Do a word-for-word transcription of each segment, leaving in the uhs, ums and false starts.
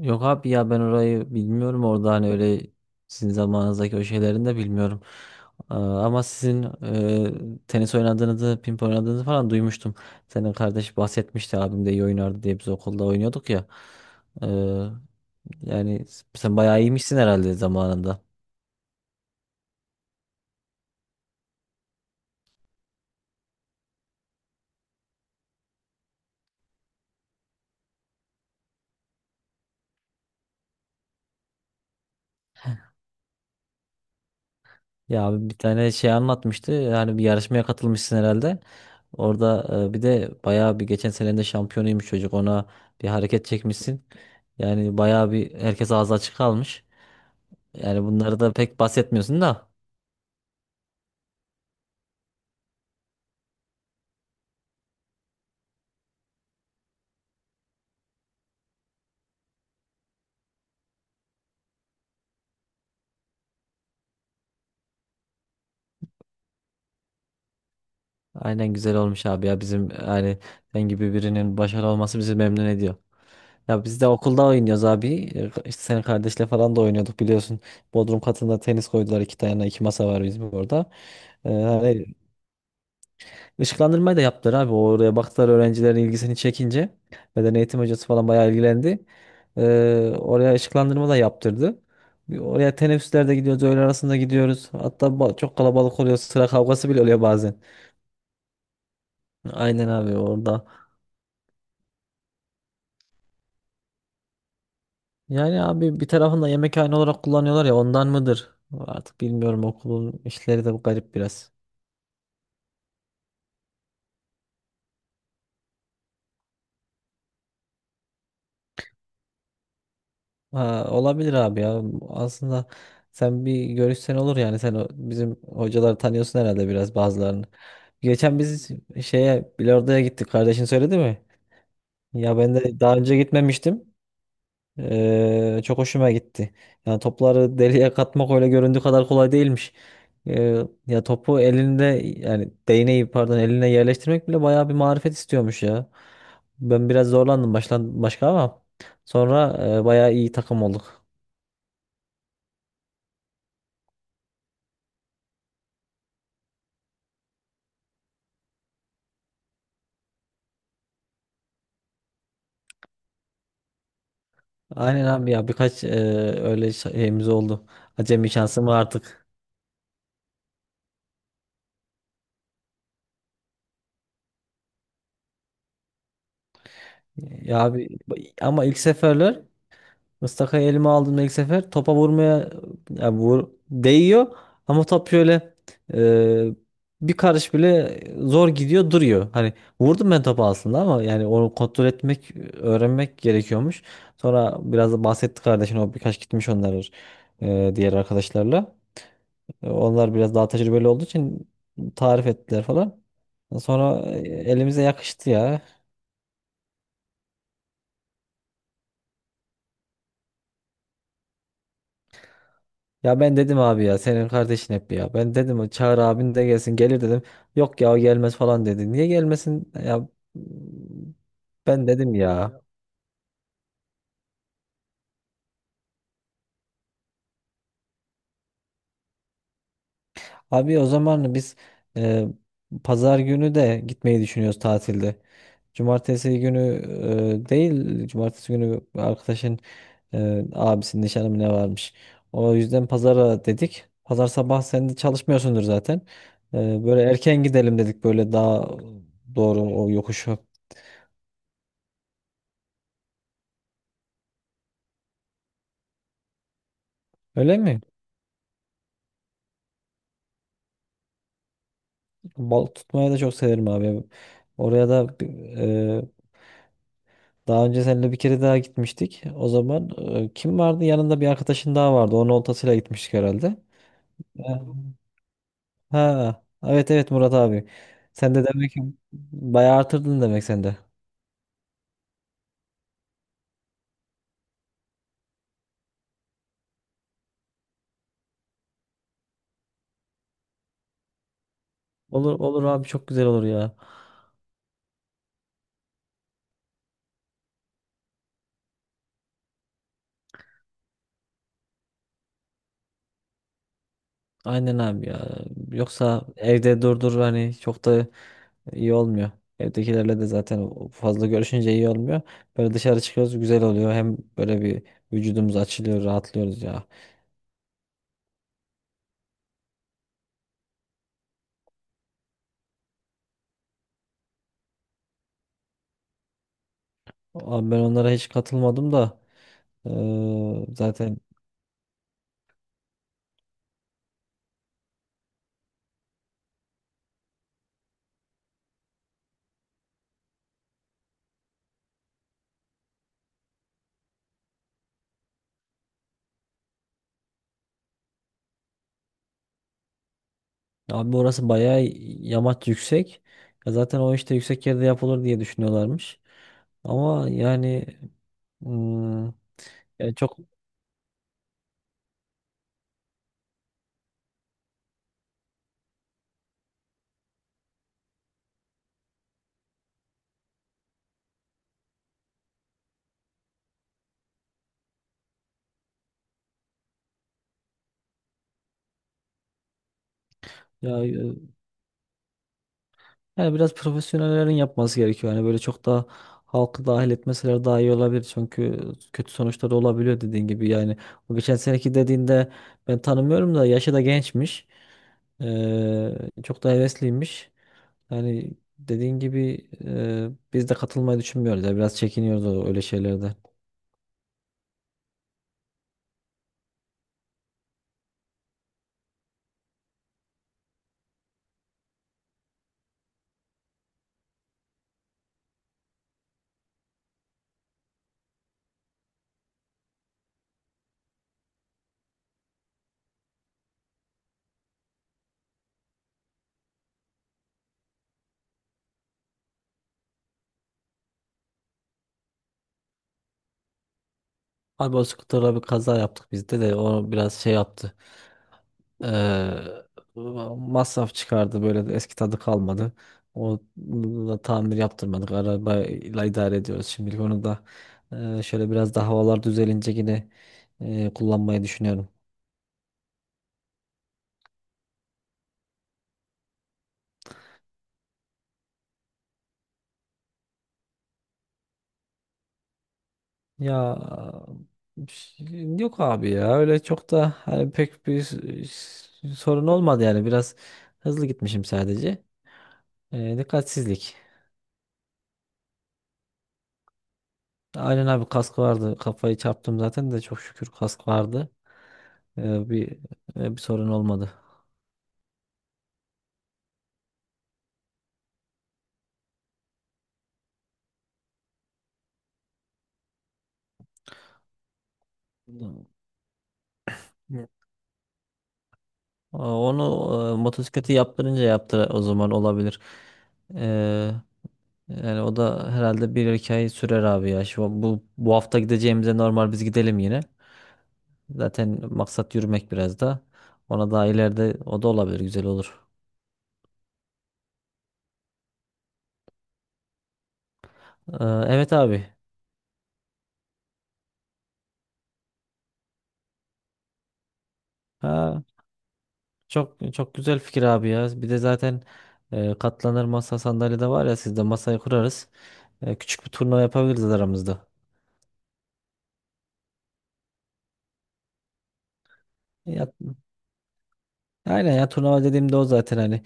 Yok abi ya ben orayı bilmiyorum. Orada hani öyle sizin zamanınızdaki o şeylerini de bilmiyorum. Aa, ama sizin e, tenis oynadığınızı, ping pong oynadığınızı falan duymuştum. Senin kardeş bahsetmişti, abim de iyi oynardı diye biz okulda oynuyorduk ya. Ee, Yani sen bayağı iyiymişsin herhalde zamanında. Ya abi, bir tane şey anlatmıştı. Yani bir yarışmaya katılmışsın herhalde. Orada e, bir de bayağı bir geçen sene de şampiyonuymuş çocuk. Ona bir hareket çekmişsin. Yani bayağı bir herkes ağzı açık kalmış. Yani bunları da pek bahsetmiyorsun da. Aynen, güzel olmuş abi ya, bizim yani sen gibi birinin başarılı olması bizi memnun ediyor. Ya biz de okulda oynuyoruz abi. E, İşte senin kardeşle falan da oynuyorduk biliyorsun. Bodrum katında tenis koydular, iki tane iki masa var bizim orada. E, hani Işıklandırmayı da yaptılar abi. Oraya baktılar öğrencilerin ilgisini çekince. Beden eğitim hocası falan bayağı ilgilendi. Ee, oraya ışıklandırma da yaptırdı. Bir Oraya teneffüslerde gidiyoruz, öğle arasında gidiyoruz. Hatta ba- çok kalabalık oluyor, sıra kavgası bile oluyor bazen. Aynen abi, orada. Yani abi, bir tarafında yemekhane olarak kullanıyorlar ya, ondan mıdır? Artık bilmiyorum, okulun işleri de garip biraz. Ha, olabilir abi ya. Aslında sen bir görüşsen olur yani. Sen o- bizim hocaları tanıyorsun herhalde biraz, bazılarını. Geçen biz şeye, bilardoya gittik. Kardeşin söyledi mi? Ya ben de daha önce gitmemiştim. Ee, çok hoşuma gitti. Yani topları deliğe katmak öyle göründüğü kadar kolay değilmiş. Ee, ya topu elinde, yani değneği pardon, eline yerleştirmek bile bayağı bir marifet istiyormuş ya. Ben biraz zorlandım başlan başka, ama sonra e, bayağı iyi takım olduk. Aynen abi ya, birkaç e, öyle şeyimiz oldu. Acemi şansım var artık. Ya abi, ama ilk seferler Mıstaka'yı elime aldığımda ilk sefer topa vurmaya, ya vur, değiyor ama top şöyle e, bir karış bile zor gidiyor, duruyor. Hani vurdum ben topu aslında, ama yani onu kontrol etmek, öğrenmek gerekiyormuş. Sonra biraz da bahsetti kardeşin, o birkaç gitmiş onlar e, diğer arkadaşlarla. E, Onlar biraz daha tecrübeli olduğu için tarif ettiler falan. Sonra e, elimize yakıştı ya. Ya ben dedim abi ya, senin kardeşin hep ya. Ben dedim çağır abin de gelsin, gelir dedim. Yok ya, o gelmez falan dedi. Niye gelmesin? Ya ben dedim ya. Abi o zaman biz e, pazar günü de gitmeyi düşünüyoruz tatilde. Cumartesi günü e, değil, cumartesi günü arkadaşın e, abisinin nişanı mı ne varmış. O yüzden pazara dedik. Pazar sabah sen de çalışmıyorsundur zaten. E, böyle erken gidelim dedik, böyle daha doğru o yokuşu. Öyle mi? Balık tutmayı da çok severim abi. Oraya da e, daha önce seninle bir kere daha gitmiştik. O zaman e, kim vardı? Yanında bir arkadaşın daha vardı. Onun oltasıyla gitmiştik herhalde. Ha, ha, evet, evet, Murat abi. Sen de demek ki bayağı artırdın demek sen de. Olur olur abi, çok güzel olur ya. Aynen abi ya. Yoksa evde durdur, hani çok da iyi olmuyor. Evdekilerle de zaten fazla görüşünce iyi olmuyor. Böyle dışarı çıkıyoruz, güzel oluyor. Hem böyle bir vücudumuz açılıyor, rahatlıyoruz ya. Abi ben onlara hiç katılmadım da eee, zaten. Abi orası bayağı yamaç yüksek. Ya zaten o işte yüksek yerde yapılır diye düşünüyorlarmış. Ama yani, Hmm, yani çok ya, e, yani biraz profesyonellerin yapması gerekiyor. Yani böyle çok da halkı dahil etmeseler daha iyi olabilir. Çünkü kötü sonuçları olabiliyor, dediğin gibi. Yani o geçen seneki dediğinde, ben tanımıyorum da yaşı da gençmiş. Ee, Çok da hevesliymiş. Yani dediğin gibi e, biz de katılmayı düşünmüyoruz. Ya biraz çekiniyoruz o- öyle şeylerde. Abi o skuterla bir kaza yaptık, bizde de o biraz şey yaptı. Ee, Masraf çıkardı, böyle de eski tadı kalmadı. O da tamir yaptırmadık. Arabayla idare ediyoruz şimdilik, onu da. E, şöyle biraz daha havalar düzelince yine e, kullanmayı düşünüyorum. Ya şey- yok abi ya, öyle çok da hani pek bir s- sorun olmadı, yani biraz hızlı gitmişim sadece. Ee, dikkatsizlik. Aynen abi, kask vardı, kafayı çarptım zaten de, çok şükür kask vardı. Ee, bir e, bir sorun olmadı. Evet. Aa, onu e, motosikleti yaptırınca, yaptı o zaman olabilir. Ee, Yani o da herhalde bir iki ay sürer abi ya. Şu, bu bu hafta gideceğimize normal biz gidelim yine. Zaten maksat yürümek biraz da. Ona daha ileride o da olabilir, güzel olur. Ee, evet abi. Ha, çok çok güzel fikir abi ya. Bir de zaten e, katlanır masa sandalye de var ya sizde, masayı kurarız. E, küçük bir turnuva yapabiliriz aramızda. Ya, aynen ya, turnuva dediğimde o zaten hani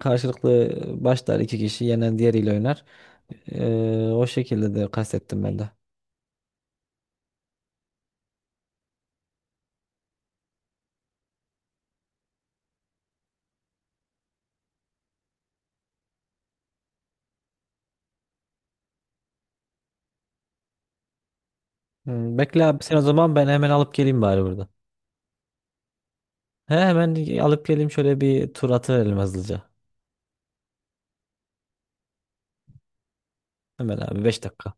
karşılıklı başlar, iki kişi, yenen diğeriyle oynar. E, o şekilde de kastettim ben de. Hmm, bekle abi sen o zaman, ben hemen alıp geleyim bari burada. He, hemen alıp geleyim, şöyle bir tur atıverelim hızlıca. Hemen abi, beş dakika.